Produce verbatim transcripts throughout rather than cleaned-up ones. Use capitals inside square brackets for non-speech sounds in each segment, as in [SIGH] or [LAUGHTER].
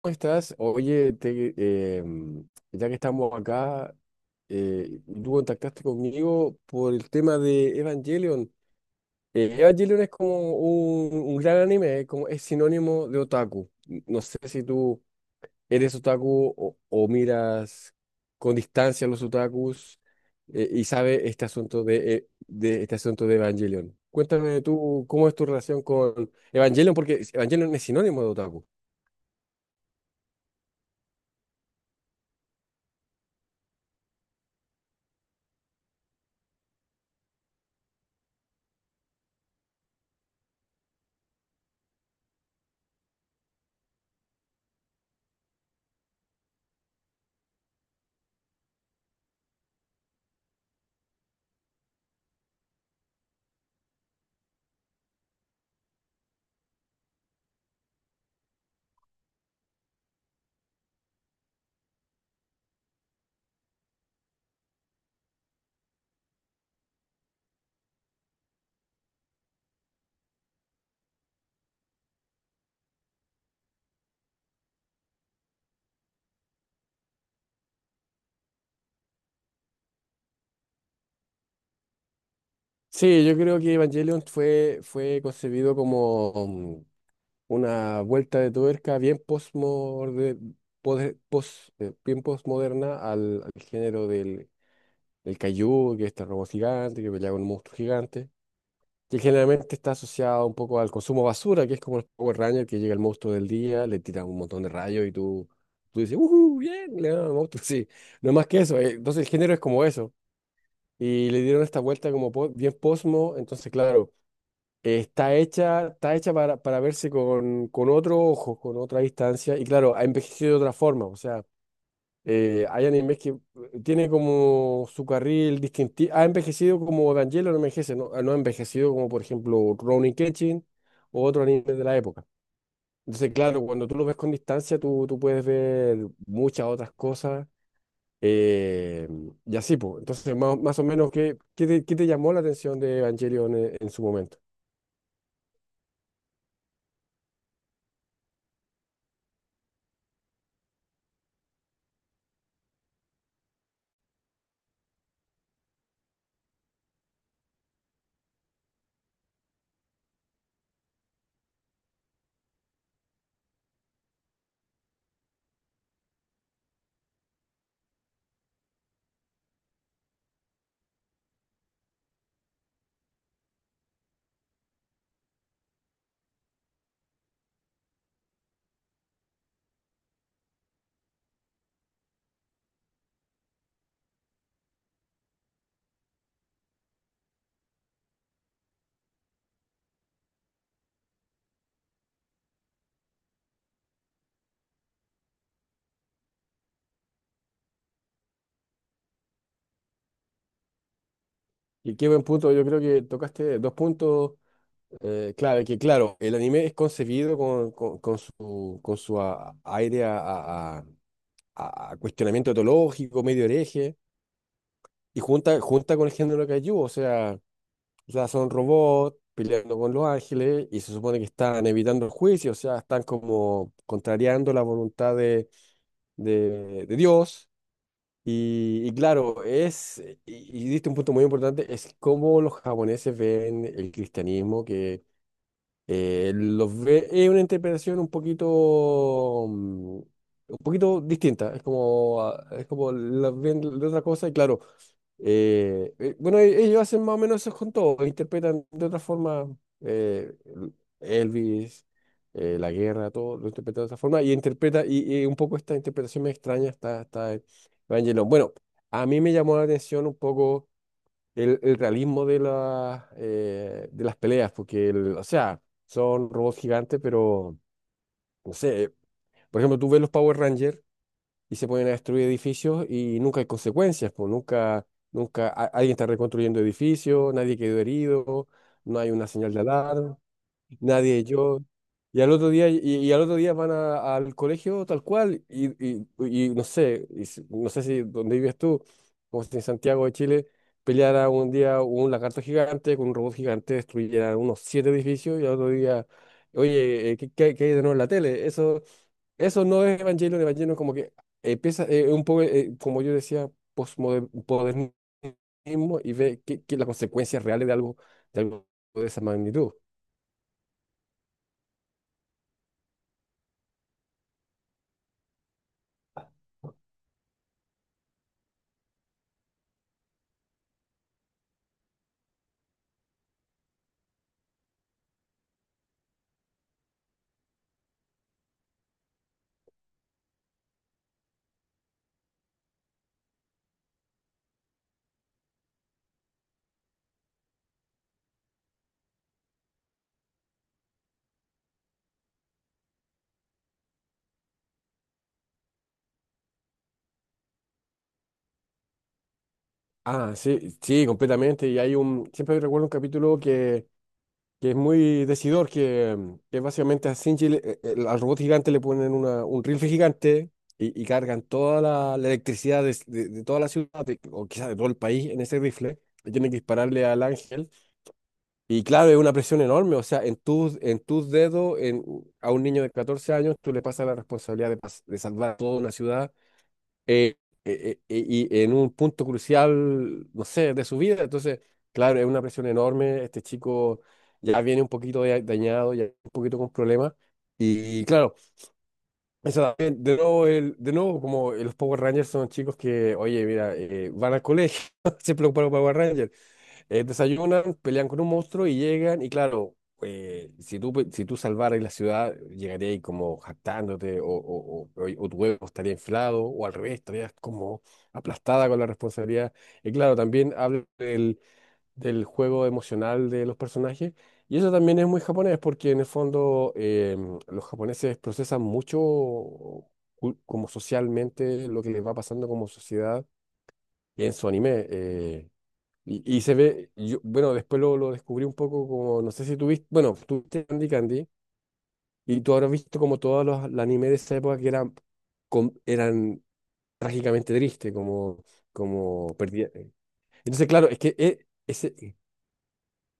¿Cómo estás? Oye, te, eh, ya que estamos acá, eh, tú contactaste conmigo por el tema de Evangelion. Eh, Evangelion es como un, un gran anime, es como, es sinónimo de otaku. No sé si tú eres otaku o, o miras con distancia a los otakus, eh, y sabes este asunto de, eh, de este asunto de Evangelion. Cuéntame tú cómo es tu relación con Evangelion, porque Evangelion es sinónimo de otaku. Sí, yo creo que Evangelion fue, fue concebido como um, una vuelta de tuerca bien postmode- pode- pos- eh, bien postmoderna al, al género del, del kaiju, que es este robot gigante, que pelea con un monstruo gigante, que generalmente está asociado un poco al consumo basura, que es como el Power Ranger, que llega el monstruo del día, le tira un montón de rayos y tú, tú dices, ¡Uhú! ¡Bien! Le dan al monstruo, [LAUGHS] sí, no es más que eso. eh, Entonces el género es como eso. Y le dieron esta vuelta como po- bien posmo, entonces claro, eh, está hecha, está hecha para, para verse con, con otro ojo, con otra distancia, y claro, ha envejecido de otra forma, o sea, eh, hay animes que eh, tiene como su carril distintivo, ha envejecido como Evangelion no envejece, no, no ha envejecido como por ejemplo Rurouni Kenshin o otro anime de la época. Entonces, claro, cuando tú lo ves con distancia, tú, tú puedes ver muchas otras cosas. eh, y así, pues. Entonces, más, más o menos, ¿qué, qué te, qué te llamó la atención de Evangelion en en su momento? Y qué buen punto, yo creo que tocaste dos puntos, eh, clave, que claro, el anime es concebido con, con- con su, con su a- aire a, a- a- a cuestionamiento etológico, medio hereje, y junta, junta con el género kaiju, o sea, o sea, son robots peleando con los ángeles y se supone que están evitando el juicio, o sea, están como contrariando la voluntad de, de de Dios. Y, y claro, es, y, y diste un punto muy importante, es cómo los japoneses ven el cristianismo, que eh, los ve, es una interpretación un poquito, mm, un poquito distinta, es como, ah, es como las ven de otra cosa y claro, eh, eh, bueno, e- ellos hacen más o menos eso con todo, interpretan de otra forma, eh, Elvis, eh, la guerra, todo lo interpretan de otra forma y interpreta, y, y un poco esta interpretación me extraña, está, está Evangelion. Bueno, a mí me llamó la atención un poco el, el realismo de, la, eh, de las peleas, porque, el- o sea, son robots gigantes, pero, no sé, eh, por ejemplo, tú ves los Power Rangers y se ponen a destruir edificios y nunca hay consecuencias, pues nunca, nunca a- alguien está reconstruyendo edificios, nadie quedó herido, no hay una señal de alarma. Nadie, yo. Y al otro día, y, y al otro día van a- al colegio tal cual, y, y- y no sé, y si- no sé si donde vives tú, como si en Santiago de Chile, peleara un día un lagarto gigante con un robot gigante, destruyera unos siete edificios, y al otro día, oye, eh, ¿qué, qué- qué hay de nuevo en la tele? Eso, eso no es Evangelion, Evangelion como que empieza eh, un poco, eh, como yo decía, postmodernismo y ve que, que las consecuencias reales de algo, de algo, de esa magnitud. Ah, sí, sí, completamente. Y hay un, siempre recuerdo un capítulo que, que es muy decidor, que, mm, que básicamente a Shinji, le- eh, eh, al robot gigante le ponen una, un rifle gigante y, y cargan toda la, la electricidad de, de- de toda la ciudad, de- o quizás de todo el país, en ese rifle. Y tienen que dispararle al ángel. Y claro, es una presión enorme. O sea, en tus, en tus dedos, en, a un niño de catorce años, tú le pasas la responsabilidad de, pas- de salvar toda una ciudad, eh, eh, eh, y en un punto crucial, no sé, de su vida. Entonces, claro, es una presión enorme. Este chico ya viene un poquito da- dañado, ya un poquito con problemas. Y claro, eso también, de nuevo, el, de nuevo, como los Power Rangers son chicos que, oye, mira, eh, van al colegio, [LAUGHS] se preocupan por los Power Rangers. Eh, desayunan, pelean con un monstruo y llegan, y claro, eh, si tú, pe- si tú salvaras la ciudad, llegarías como jactándote, o, o, o- o- o tu huevo estaría inflado, o al revés, estarías como aplastada con la responsabilidad. Y claro, también habla del, del juego emocional de los personajes, y eso también es muy japonés, porque en el fondo em, los japoneses procesan mucho cul- como socialmente lo que les va pasando como sociedad en su anime. eh, y, y se ve, yo, bueno, después lo, lo descubrí un poco como, no sé si tuviste, bueno, tuviste Candy Candy, y tú habrás visto como todos los, los animes de esa época que eran, com- eran trágicamente tristes, como, como perdida. Entonces, claro, es que e- ese,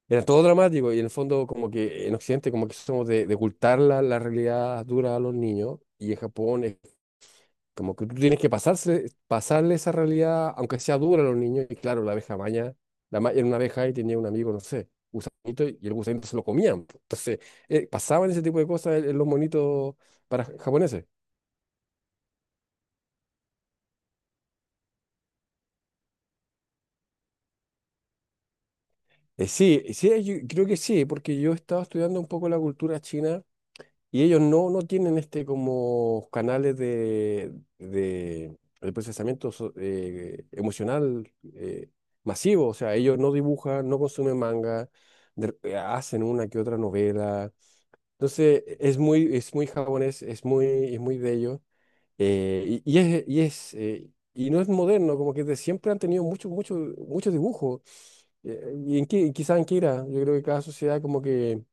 era todo dramático, y en el fondo como que en Occidente como que somos de, de ocultar la, la realidad dura a los niños, y en Japón es como que tú tienes que pasarse, pasarle esa realidad, aunque sea dura a los niños. Y claro, la abeja maña, la ma- era una abeja y tenía un amigo, no sé, gusanito, y el gusanito se lo comían, po. Entonces, eh, pasaban ese tipo de cosas en, en los monitos para japoneses. Eh, sí, sí, yo creo que sí, porque yo estaba estudiando un poco la cultura china. Y ellos no, no tienen este como canales de, de, de procesamiento so- eh, emocional, eh, masivo. O sea, ellos no dibujan, no consumen manga, de- eh, hacen una que otra novela. Entonces, e- es muy, es muy japonés, es muy, es muy de ellos. eh, y, y es, y es, eh, y no es moderno, como que de siempre han tenido mucho, mucho, mucho dibujo. Eh, y en qué, quizás en qué irá. Yo creo que cada sociedad como que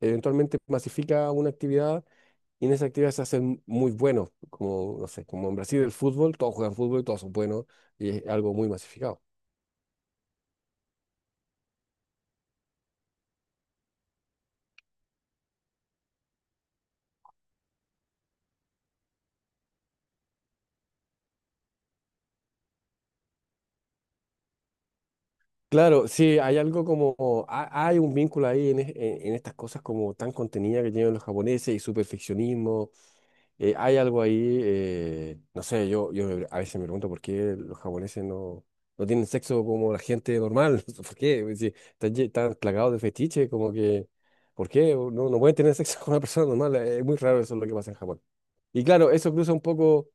eventualmente masifica una actividad y en esa actividad se hacen muy buenos, como, no sé, como en Brasil el fútbol, todos juegan fútbol, y todos son buenos, y es algo muy masificado. Claro, sí, hay algo como, ha- hay un vínculo ahí en, es- en- en estas cosas como tan contenidas que tienen los japoneses y su perfeccionismo, eh, hay algo ahí, eh, no sé, yo, yo me- a veces me pregunto por qué los japoneses no, no tienen sexo como la gente normal, [LAUGHS] no sé, ¿por qué? Es decir, están, lle- están plagados de fetiche, como que, ¿por qué? No, no pueden tener sexo con una persona normal, es muy raro eso lo que pasa en Japón. Y claro, eso cruza un poco,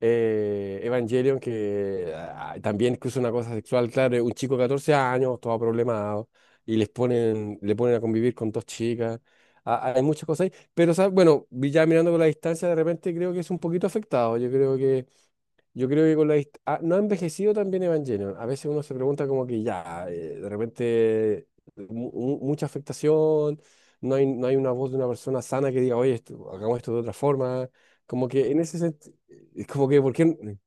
eh, Evangelion, que ah, también cruza una cosa sexual, claro, es un chico de catorce años, todo problemado, y les ponen, le ponen a convivir con dos chicas. Ah, hay muchas cosas ahí, pero ¿sabes? Bueno, vi ya mirando con la distancia, de repente creo que es un poquito afectado. Yo creo que yo creo que con la dist- ah, no ha envejecido también Evangelion. A veces uno se pregunta como que ya, eh, de repente mu- mu- mucha afectación, no hay, no hay una voz de una persona sana que diga, oye, esto- hagamos esto de otra forma. Como que en ese sentido, es como que, ¿por qué? n-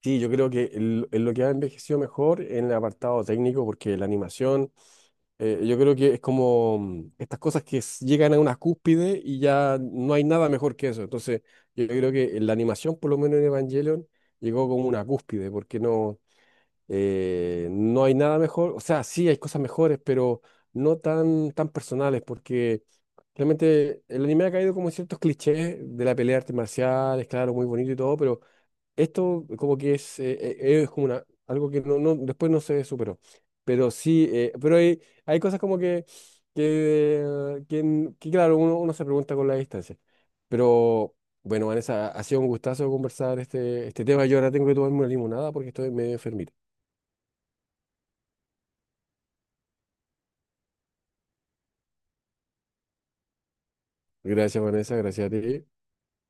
Sí, yo creo que el- en lo que ha envejecido mejor en el apartado técnico, porque la animación... Eh, yo creo que es como, mm, estas cosas que s- llegan a una cúspide y ya no hay nada mejor que eso. Entonces, yo creo que la animación, por lo menos en Evangelion, llegó como una cúspide, porque no, eh, no hay nada mejor. O sea, sí hay cosas mejores, pero no tan, tan personales, porque realmente el anime ha caído como en ciertos clichés de la pelea de artes marciales, claro, muy bonito y todo, pero esto como que es, eh, eh, es como una, algo que no, no, después no se superó. Pero sí, eh, pero hay, hay cosas como que, que, que, n- que claro, uno, uno se pregunta con la distancia. Pero bueno, Vanessa, ha sido un gustazo conversar este, este tema. Yo ahora tengo que tomarme una limonada porque estoy medio enfermito. Gracias, Vanessa, gracias a ti.